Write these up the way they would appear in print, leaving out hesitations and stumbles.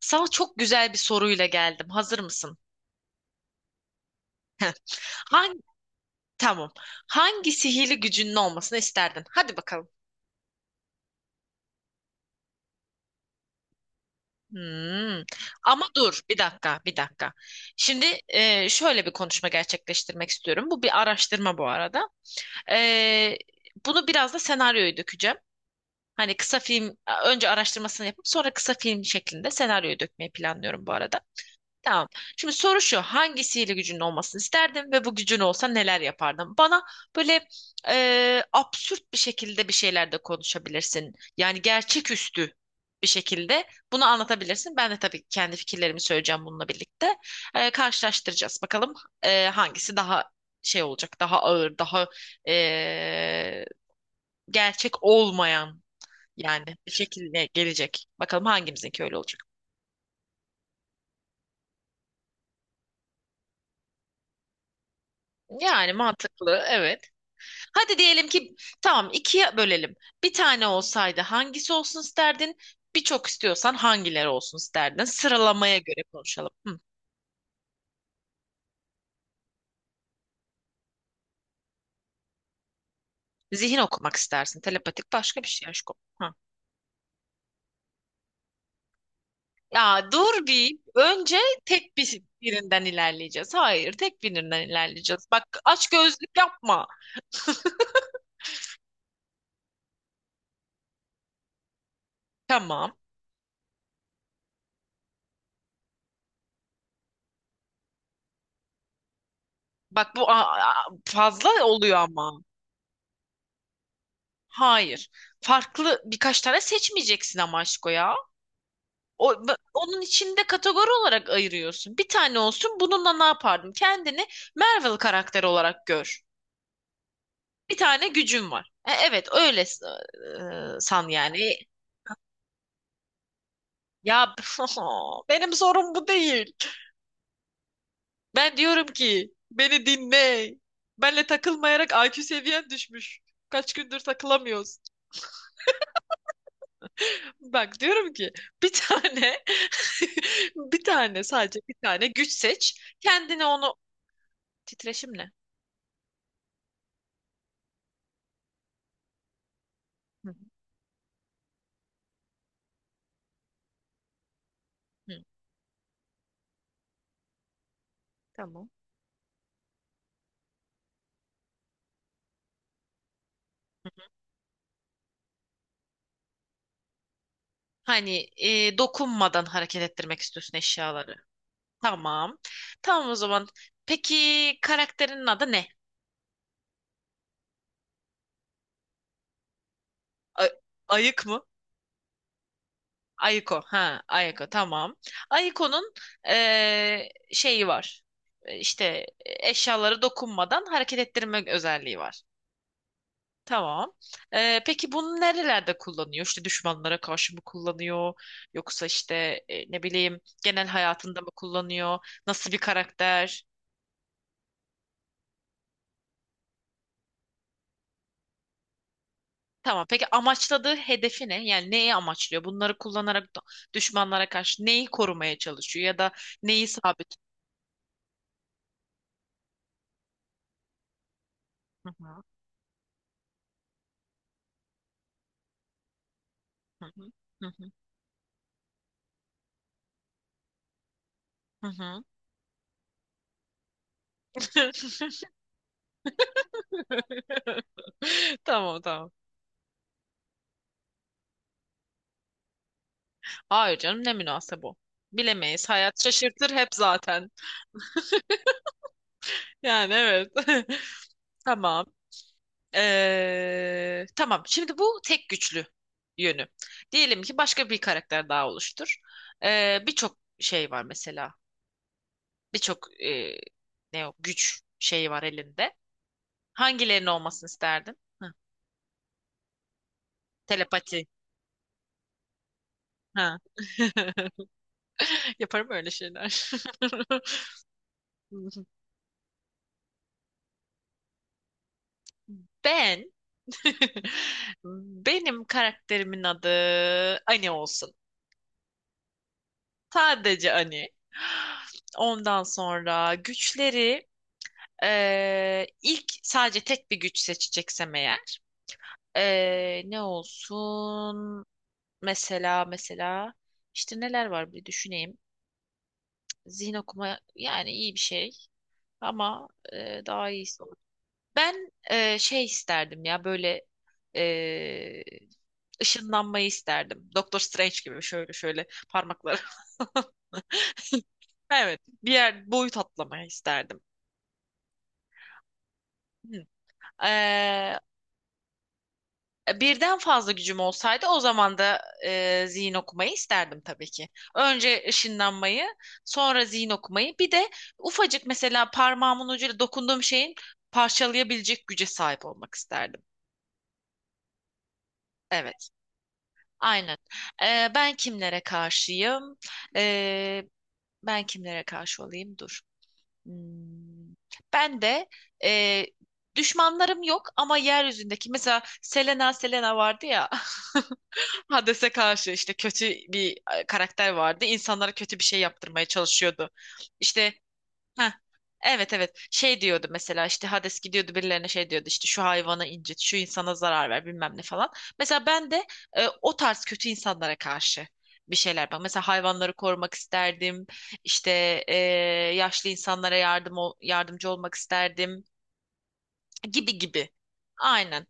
Sana çok güzel bir soruyla geldim. Hazır mısın? Hangi, tamam. Hangi sihirli gücünün olmasını isterdin? Hadi bakalım. Hmm. Ama dur, bir dakika, bir dakika. Şimdi şöyle bir konuşma gerçekleştirmek istiyorum. Bu bir araştırma bu arada. E, Bunu biraz da senaryoya dökeceğim. Hani kısa film, önce araştırmasını yapıp sonra kısa film şeklinde senaryoya dökmeyi planlıyorum bu arada. Tamam. Şimdi soru şu. Hangi sihirli gücünün olmasını isterdin ve bu gücün olsa neler yapardın? Bana böyle absürt bir şekilde bir şeyler de konuşabilirsin. Yani gerçeküstü bir şekilde bunu anlatabilirsin. Ben de tabii kendi fikirlerimi söyleyeceğim bununla birlikte. Karşılaştıracağız. Bakalım hangisi daha şey olacak, daha ağır, daha e, gerçek olmayan yani bir şekilde gelecek. Bakalım hangimizinki öyle olacak. Yani mantıklı, evet. Hadi diyelim ki tamam ikiye bölelim. Bir tane olsaydı hangisi olsun isterdin? Birçok istiyorsan hangileri olsun isterdin? Sıralamaya göre konuşalım. Hı. Zihin okumak istersin. Telepatik başka bir şey aşkım. Hı. Ya dur bir. Önce tek bir, birinden ilerleyeceğiz. Hayır, tek birinden ilerleyeceğiz. Bak aç gözlük yapma. Tamam. Bak bu fazla oluyor ama. Hayır. Farklı birkaç tane seçmeyeceksin ama aşko ya. O, Onun içinde kategori olarak ayırıyorsun. Bir tane olsun bununla ne yapardım? Kendini Marvel karakteri olarak gör. Bir tane gücün var. E, evet öyle san yani. Ya benim sorum bu değil. Ben diyorum ki beni dinle. Benle takılmayarak IQ seviyen düşmüş. Kaç gündür takılamıyoruz. Bak diyorum ki bir tane bir tane sadece bir tane güç seç. Kendine onu titreşimle. Hı, hı, tamam. Hani dokunmadan hareket ettirmek istiyorsun eşyaları. Tamam. Tamam o zaman. Peki karakterinin adı ne? A- Ayık mı? Ayiko. Ha, Ayiko. Tamam. Ayiko'nun şeyi var. İşte eşyaları dokunmadan hareket ettirme özelliği var. Tamam. E, peki bunu nerelerde kullanıyor? İşte düşmanlara karşı mı kullanıyor? Yoksa işte ne bileyim genel hayatında mı kullanıyor? Nasıl bir karakter? Tamam. Peki amaçladığı hedefi ne? Yani neyi amaçlıyor? Bunları kullanarak düşmanlara karşı neyi korumaya çalışıyor ya da neyi sabit? Hı hı. Hı hı. Hı hı. Hı hı. Tamam tamam. Hayır canım ne münasebe bu. Bilemeyiz. Hayat şaşırtır hep zaten. Yani evet. Tamam. Tamam. Şimdi bu tek güçlü yönü. Diyelim ki başka bir karakter daha oluştur. Birçok şey var mesela. Birçok ne o güç şeyi var elinde. Hangilerinin olmasını isterdin? Hı, telepati. Ha. Yaparım öyle şeyler. Ben Benim karakterimin adı Ani olsun. Sadece Ani. Ondan sonra güçleri ilk sadece tek bir güç seçeceksem eğer ne olsun? Mesela işte neler var bir düşüneyim. Zihin okuma yani iyi bir şey ama daha iyisi olur. Ben şey isterdim ya böyle e, ışınlanmayı isterdim. Doktor Strange gibi şöyle şöyle parmakları. Evet, bir yer boyut atlamayı isterdim. Hı. Ee, Birden fazla gücüm olsaydı o zaman da zihin okumayı isterdim tabii ki. Önce ışınlanmayı, sonra zihin okumayı, bir de ufacık mesela parmağımın ucuyla dokunduğum şeyin parçalayabilecek güce sahip olmak isterdim. Evet, aynen. E, ben kimlere karşıyım? E, ben kimlere karşı olayım? Dur. Hmm. Ben de e, düşmanlarım yok ama yeryüzündeki mesela Selena vardı ya. Hades'e karşı işte kötü bir karakter vardı. İnsanlara kötü bir şey yaptırmaya çalışıyordu. İşte ha evet evet şey diyordu mesela işte Hades gidiyordu birilerine şey diyordu işte şu hayvanı incit, şu insana zarar ver bilmem ne falan. Mesela ben de o tarz kötü insanlara karşı bir şeyler bak. Mesela hayvanları korumak isterdim. İşte e, yaşlı insanlara yardımcı olmak isterdim gibi gibi. Aynen.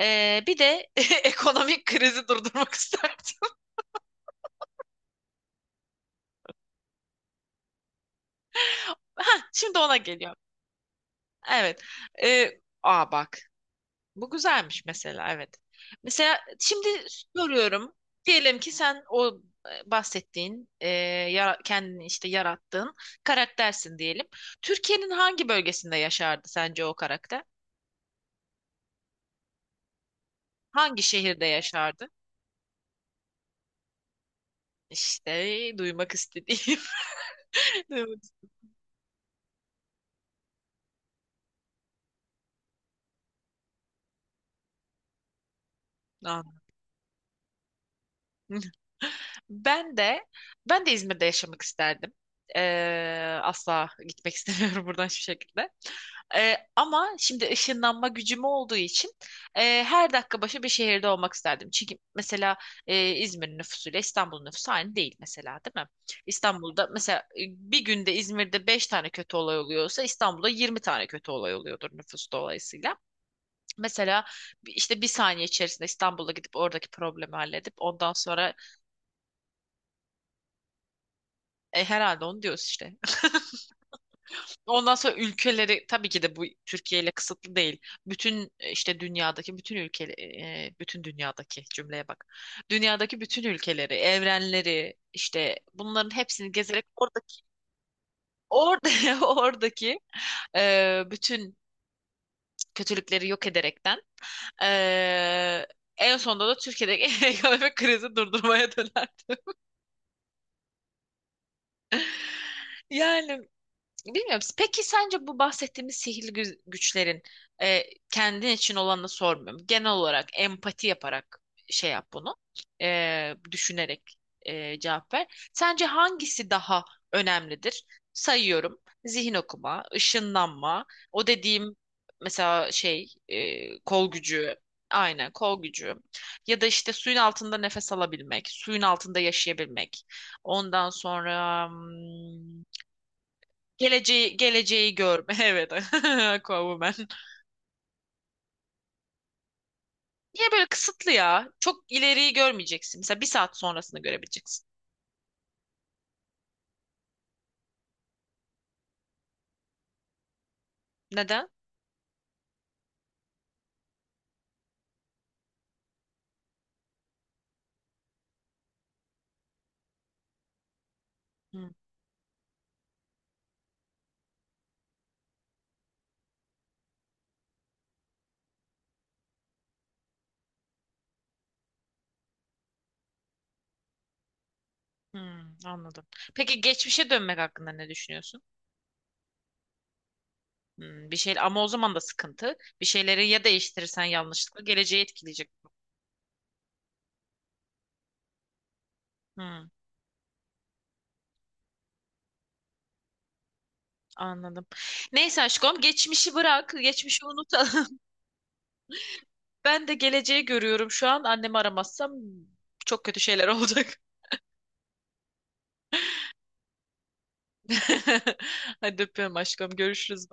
E, bir de ekonomik krizi durdurmak isterdim. Hah, şimdi ona geliyorum. Evet. Aa bak. Bu güzelmiş mesela. Evet. Mesela şimdi soruyorum. Diyelim ki sen o bahsettiğin kendini işte yarattığın karaktersin diyelim. Türkiye'nin hangi bölgesinde yaşardı sence o karakter? Hangi şehirde yaşardı? İşte duymak istediğim. Duymak. Anladım. Ben de ben de İzmir'de yaşamak isterdim. Asla gitmek istemiyorum buradan hiçbir şekilde. Ama şimdi ışınlanma gücüm olduğu için her dakika başı bir şehirde olmak isterdim. Çünkü mesela İzmir nüfusuyla İstanbul nüfusu aynı değil mesela, değil mi? İstanbul'da mesela bir günde İzmir'de 5 tane kötü olay oluyorsa İstanbul'da 20 tane kötü olay oluyordur nüfus dolayısıyla. Mesela işte bir saniye içerisinde İstanbul'a gidip oradaki problemi halledip ondan sonra. E, herhalde onu diyoruz işte. Ondan sonra ülkeleri tabii ki de bu Türkiye ile kısıtlı değil. Bütün işte dünyadaki bütün ülke e, bütün dünyadaki cümleye bak. Dünyadaki bütün ülkeleri, evrenleri işte bunların hepsini gezerek oradaki orada oradaki bütün kötülükleri yok ederekten e, en sonunda da Türkiye'deki ekonomik krizi durdurmaya dönerdi. Yani bilmiyorum. Peki sence bu bahsettiğimiz sihirli güçlerin e, kendin için olanı sormuyorum. Genel olarak empati yaparak şey yap bunu. Düşünerek cevap ver. Sence hangisi daha önemlidir? Sayıyorum. Zihin okuma, ışınlanma, o dediğim mesela şey kol gücü, aynen kol gücü ya da işte suyun altında nefes alabilmek, suyun altında yaşayabilmek. Ondan sonra hmm, geleceği görme. Evet. Aquaman. Niye böyle kısıtlı ya? Çok ileriyi görmeyeceksin. Mesela bir saat sonrasını görebileceksin. Neden? Hmm, Anladım. Peki geçmişe dönmek hakkında ne düşünüyorsun? Hmm, bir şey ama o zaman da sıkıntı. Bir şeyleri ya değiştirirsen yanlışlıkla geleceği etkileyecek bu. Hmm, anladım. Neyse aşkım geçmişi bırak. Geçmişi unutalım. Ben de geleceği görüyorum şu an. Annemi aramazsam çok kötü şeyler olacak. Hadi öpüyorum aşkım. Görüşürüz.